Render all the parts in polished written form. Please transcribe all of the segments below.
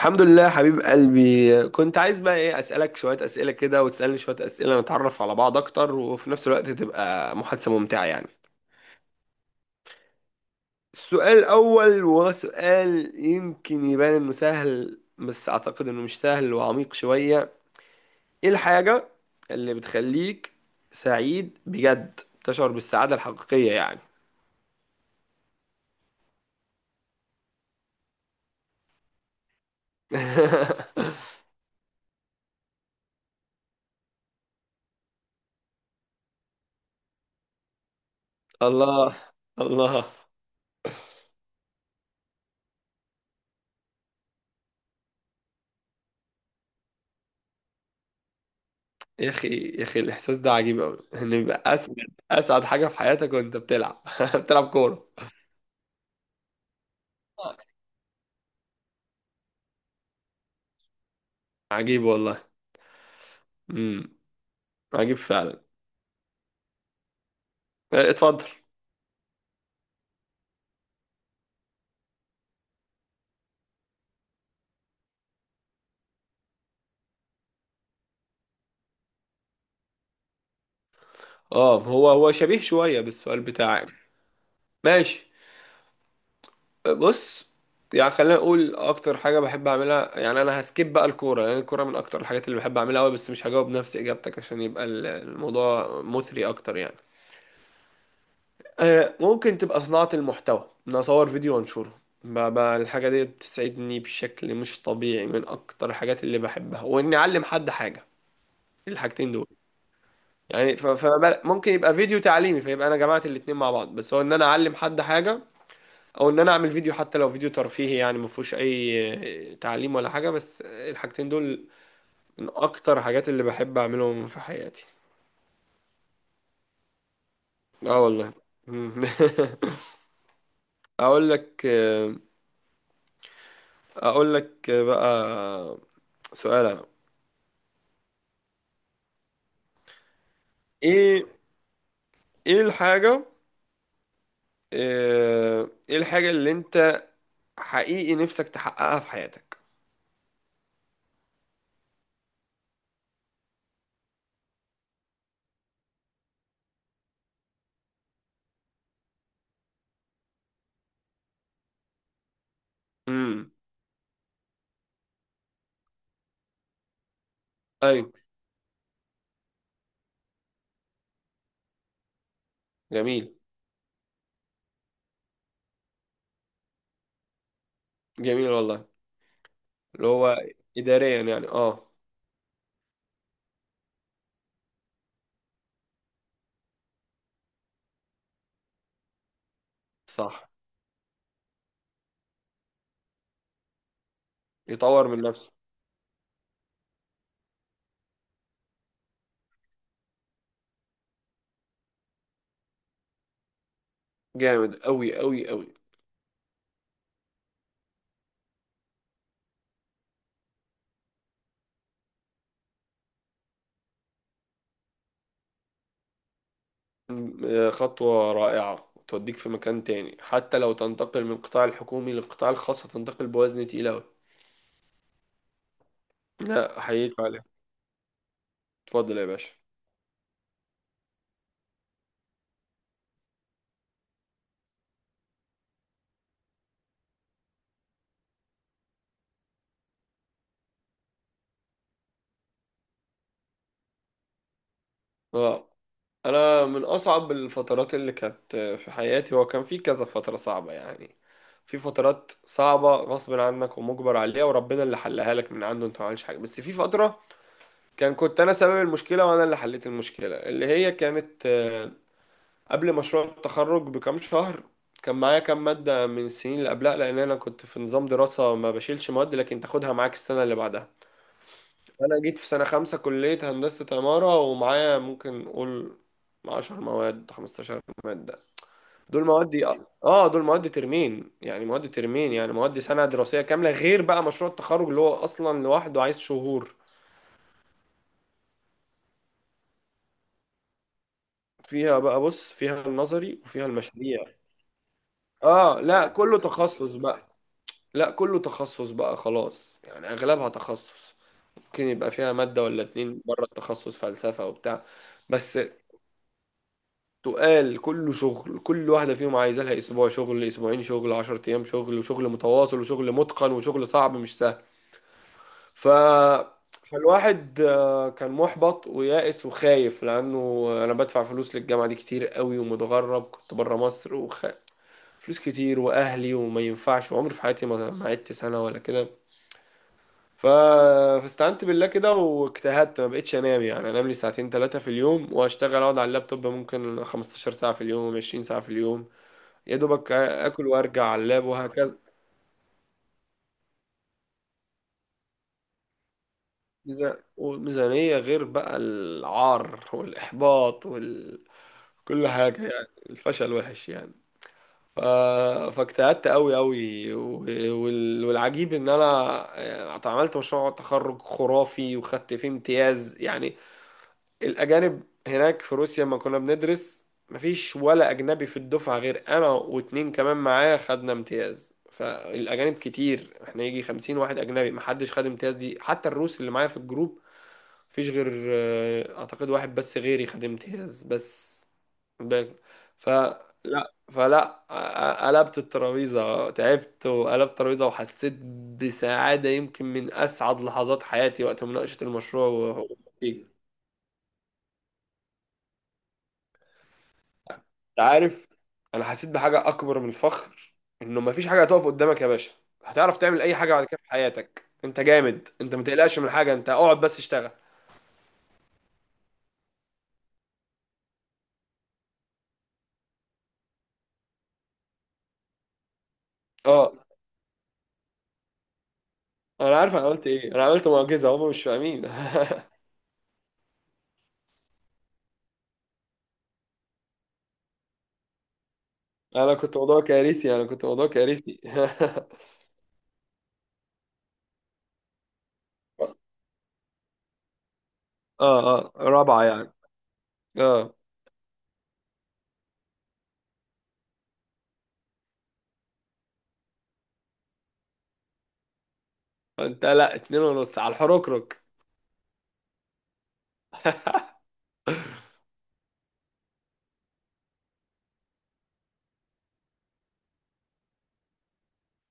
الحمد لله حبيب قلبي، كنت عايز بقى ايه، اسالك شويه اسئله كده وتسالني شويه اسئله، نتعرف على بعض اكتر وفي نفس الوقت تبقى محادثه ممتعه يعني. السؤال الاول وهو سؤال يمكن يبان انه سهل بس اعتقد انه مش سهل وعميق شويه. ايه الحاجه اللي بتخليك سعيد بجد؟ تشعر بالسعاده الحقيقيه يعني؟ الله، الله. يا اخي، يا اخي الاحساس ده عجيب قوي، ان يبقى اسعد حاجه في حياتك وانت بتلعب بتلعب كوره. عجيب والله. امم، عجيب فعلا. آه، اتفضل. اه، هو شبيه شويه بالسؤال بتاعك. ماشي. بص، يعني خلينا نقول اكتر حاجه بحب اعملها، يعني انا هسكيب بقى الكوره لان يعني الكوره من اكتر الحاجات اللي بحب اعملها قوي، بس مش هجاوب نفس اجابتك عشان يبقى الموضوع مثري اكتر يعني. ممكن تبقى صناعة المحتوى، ان اصور فيديو وانشره الحاجة دي بتسعدني بشكل مش طبيعي، من اكتر الحاجات اللي بحبها، واني اعلم حد حاجة. الحاجتين دول، يعني فممكن يبقى فيديو تعليمي، فيبقى انا جمعت الاتنين مع بعض، بس هو ان انا اعلم حد حاجة، او ان انا اعمل فيديو، حتى لو فيديو ترفيهي يعني ما فيهوش اي تعليم ولا حاجة، بس الحاجتين دول من اكتر الحاجات اللي بحب اعملهم في حياتي. اه والله. اقول لك اقول لك بقى سؤال انا. ايه ايه الحاجة، ايه الحاجة اللي انت حقيقي نفسك تحققها في حياتك؟ امم، ايوه، جميل. جميل والله. اللي هو اداريا يعني، اه. صح، يطور من نفسه، جامد قوي قوي قوي. خطوة رائعة توديك في مكان تاني، حتى لو تنتقل من القطاع الحكومي للقطاع الخاص هتنتقل بوزن تقيل قوي. لا، احييك عليها. اتفضل يا باشا. اه، انا من اصعب الفترات اللي كانت في حياتي، هو كان في كذا فترة صعبة يعني. في فترات صعبة غصب عنك ومجبر عليها، وربنا اللي حلها لك من عنده، انت ما عملتش حاجة. بس في فترة كنت انا سبب المشكلة وانا اللي حليت المشكلة، اللي هي كانت قبل مشروع التخرج بكام شهر. كان معايا كام مادة من السنين اللي قبلها، لان انا كنت في نظام دراسة ما بشيلش مواد لكن تاخدها معاك السنة اللي بعدها. انا جيت في سنة خمسة كلية هندسة عمارة، ومعايا ممكن نقول 10 مواد، 15 مادة. دول مواد، اه، دول مواد ترمين، يعني مواد ترمين، يعني مواد سنة دراسية كاملة غير بقى مشروع التخرج اللي هو اصلا لوحده عايز شهور. فيها بقى بص، فيها النظري وفيها المشاريع. اه لا، كله تخصص بقى، لا كله تخصص بقى خلاص، يعني اغلبها تخصص. ممكن يبقى فيها مادة ولا اتنين بره التخصص، فلسفة وبتاع. بس تقال، كله شغل، كل واحدة فيهم عايزة لها أسبوع شغل، أسبوعين شغل، عشر أيام شغل، وشغل متواصل وشغل متقن وشغل صعب مش سهل. ف... فالواحد كان محبط ويائس وخايف، لأنه أنا بدفع فلوس للجامعة دي كتير قوي، ومتغرب كنت برا مصر، فلوس كتير وأهلي، وما ينفعش، وعمري في حياتي ما عدت سنة ولا كده. ف... فاستعنت بالله كده واجتهدت، ما بقتش انام، يعني انام لي ساعتين ثلاثة في اليوم، واشتغل، اقعد على اللابتوب ممكن 15 ساعة في اليوم، 20 ساعة في اليوم، يا دوبك اكل وارجع على اللاب وهكذا. وميزانية، غير بقى العار والاحباط كل حاجة يعني، الفشل وحش يعني. ف... فاجتهدت قوي قوي والعجيب ان انا، يعني اتعملت مشروع تخرج خرافي وخدت فيه امتياز يعني. الأجانب هناك في روسيا لما كنا بندرس مفيش ولا أجنبي في الدفعة غير أنا واتنين كمان معايا خدنا امتياز. فالأجانب كتير، احنا يجي خمسين واحد أجنبي محدش خد امتياز، دي حتى الروس اللي معايا في الجروب مفيش غير أعتقد واحد بس غيري خد امتياز بس. باك. فلا فلا قلبت الترابيزة، تعبت وقلبت الترابيزة، وحسيت بسعادة يمكن من أسعد لحظات حياتي وقت مناقشة المشروع. انت عارف، انا حسيت بحاجه اكبر من الفخر، انه مفيش حاجه هتقف قدامك يا باشا. هتعرف تعمل اي حاجه بعد كده في حياتك، انت جامد، انت ما تقلقش من حاجه، انت اقعد بس اشتغل. اه، انا عارف، انا قلت ايه، انا عملت معجزه، هم مش فاهمين. انا كنت موضوع كارثي، انا كنت موضوع كارثي. اه، اه، رابعه يعني، اه. انت لا، اتنين ونص على الحركرك.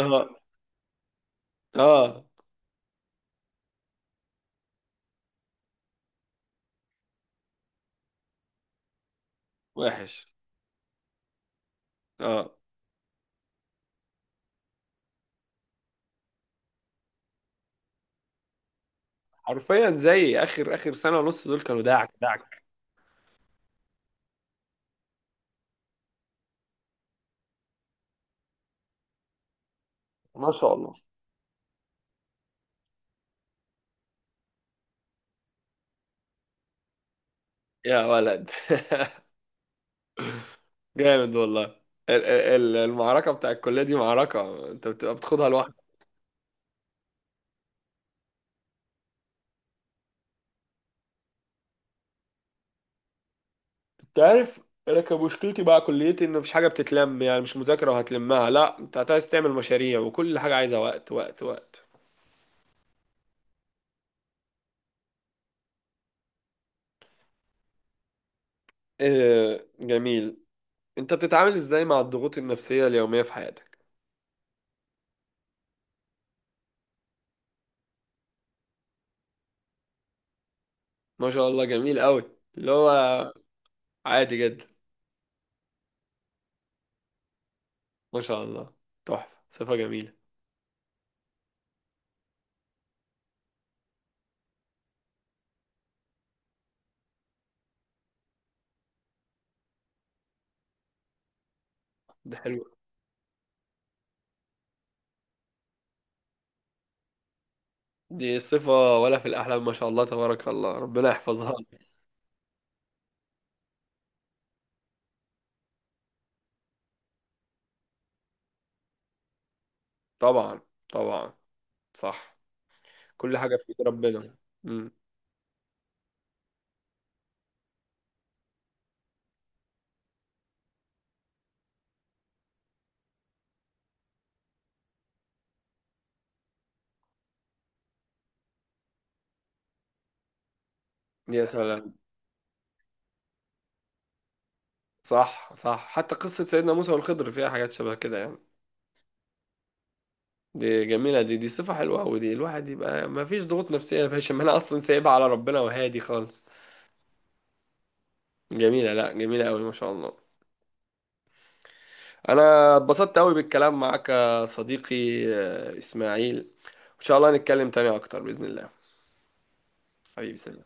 اه، اه، وحش. اه، حرفيا زي اخر اخر سنه ونص، دول كانوا داعك داعك. ما شاء الله، يا ولد. جامد والله. المعركة بتاع الكلية دي معركة انت بتبقى بتاخدها لوحدك. انت عارف، انا كان مشكلتي بقى كليتي ان مفيش حاجة بتتلم، يعني مش مذاكرة وهتلمها، لا، انت عايز تعمل مشاريع، وكل حاجة عايزة وقت وقت وقت. اه جميل. انت بتتعامل ازاي مع الضغوط النفسية اليومية في حياتك؟ ما شاء الله جميل قوي، اللي هو عادي جدا. ما شاء الله، تحفة، صفة جميلة. دي حلوة. دي صفة ولا في الأحلام، ما شاء الله تبارك الله، ربنا يحفظها. طبعا، طبعا، صح. كل حاجة في ايد ربنا. امم. يا سلام. صح، صح، حتى قصة سيدنا موسى والخضر فيها حاجات شبه كده يعني. دي جميلة، دي صفة حلوة أوي، دي الواحد يبقى ما فيش ضغوط نفسية يا باشا ما أنا أصلا سايبها على ربنا وهادي خالص. جميلة، لا جميلة أوي ما شاء الله. أنا اتبسطت أوي بالكلام معاك يا صديقي، إسماعيل. إن شاء الله نتكلم تاني أكتر بإذن الله. حبيبي سلام.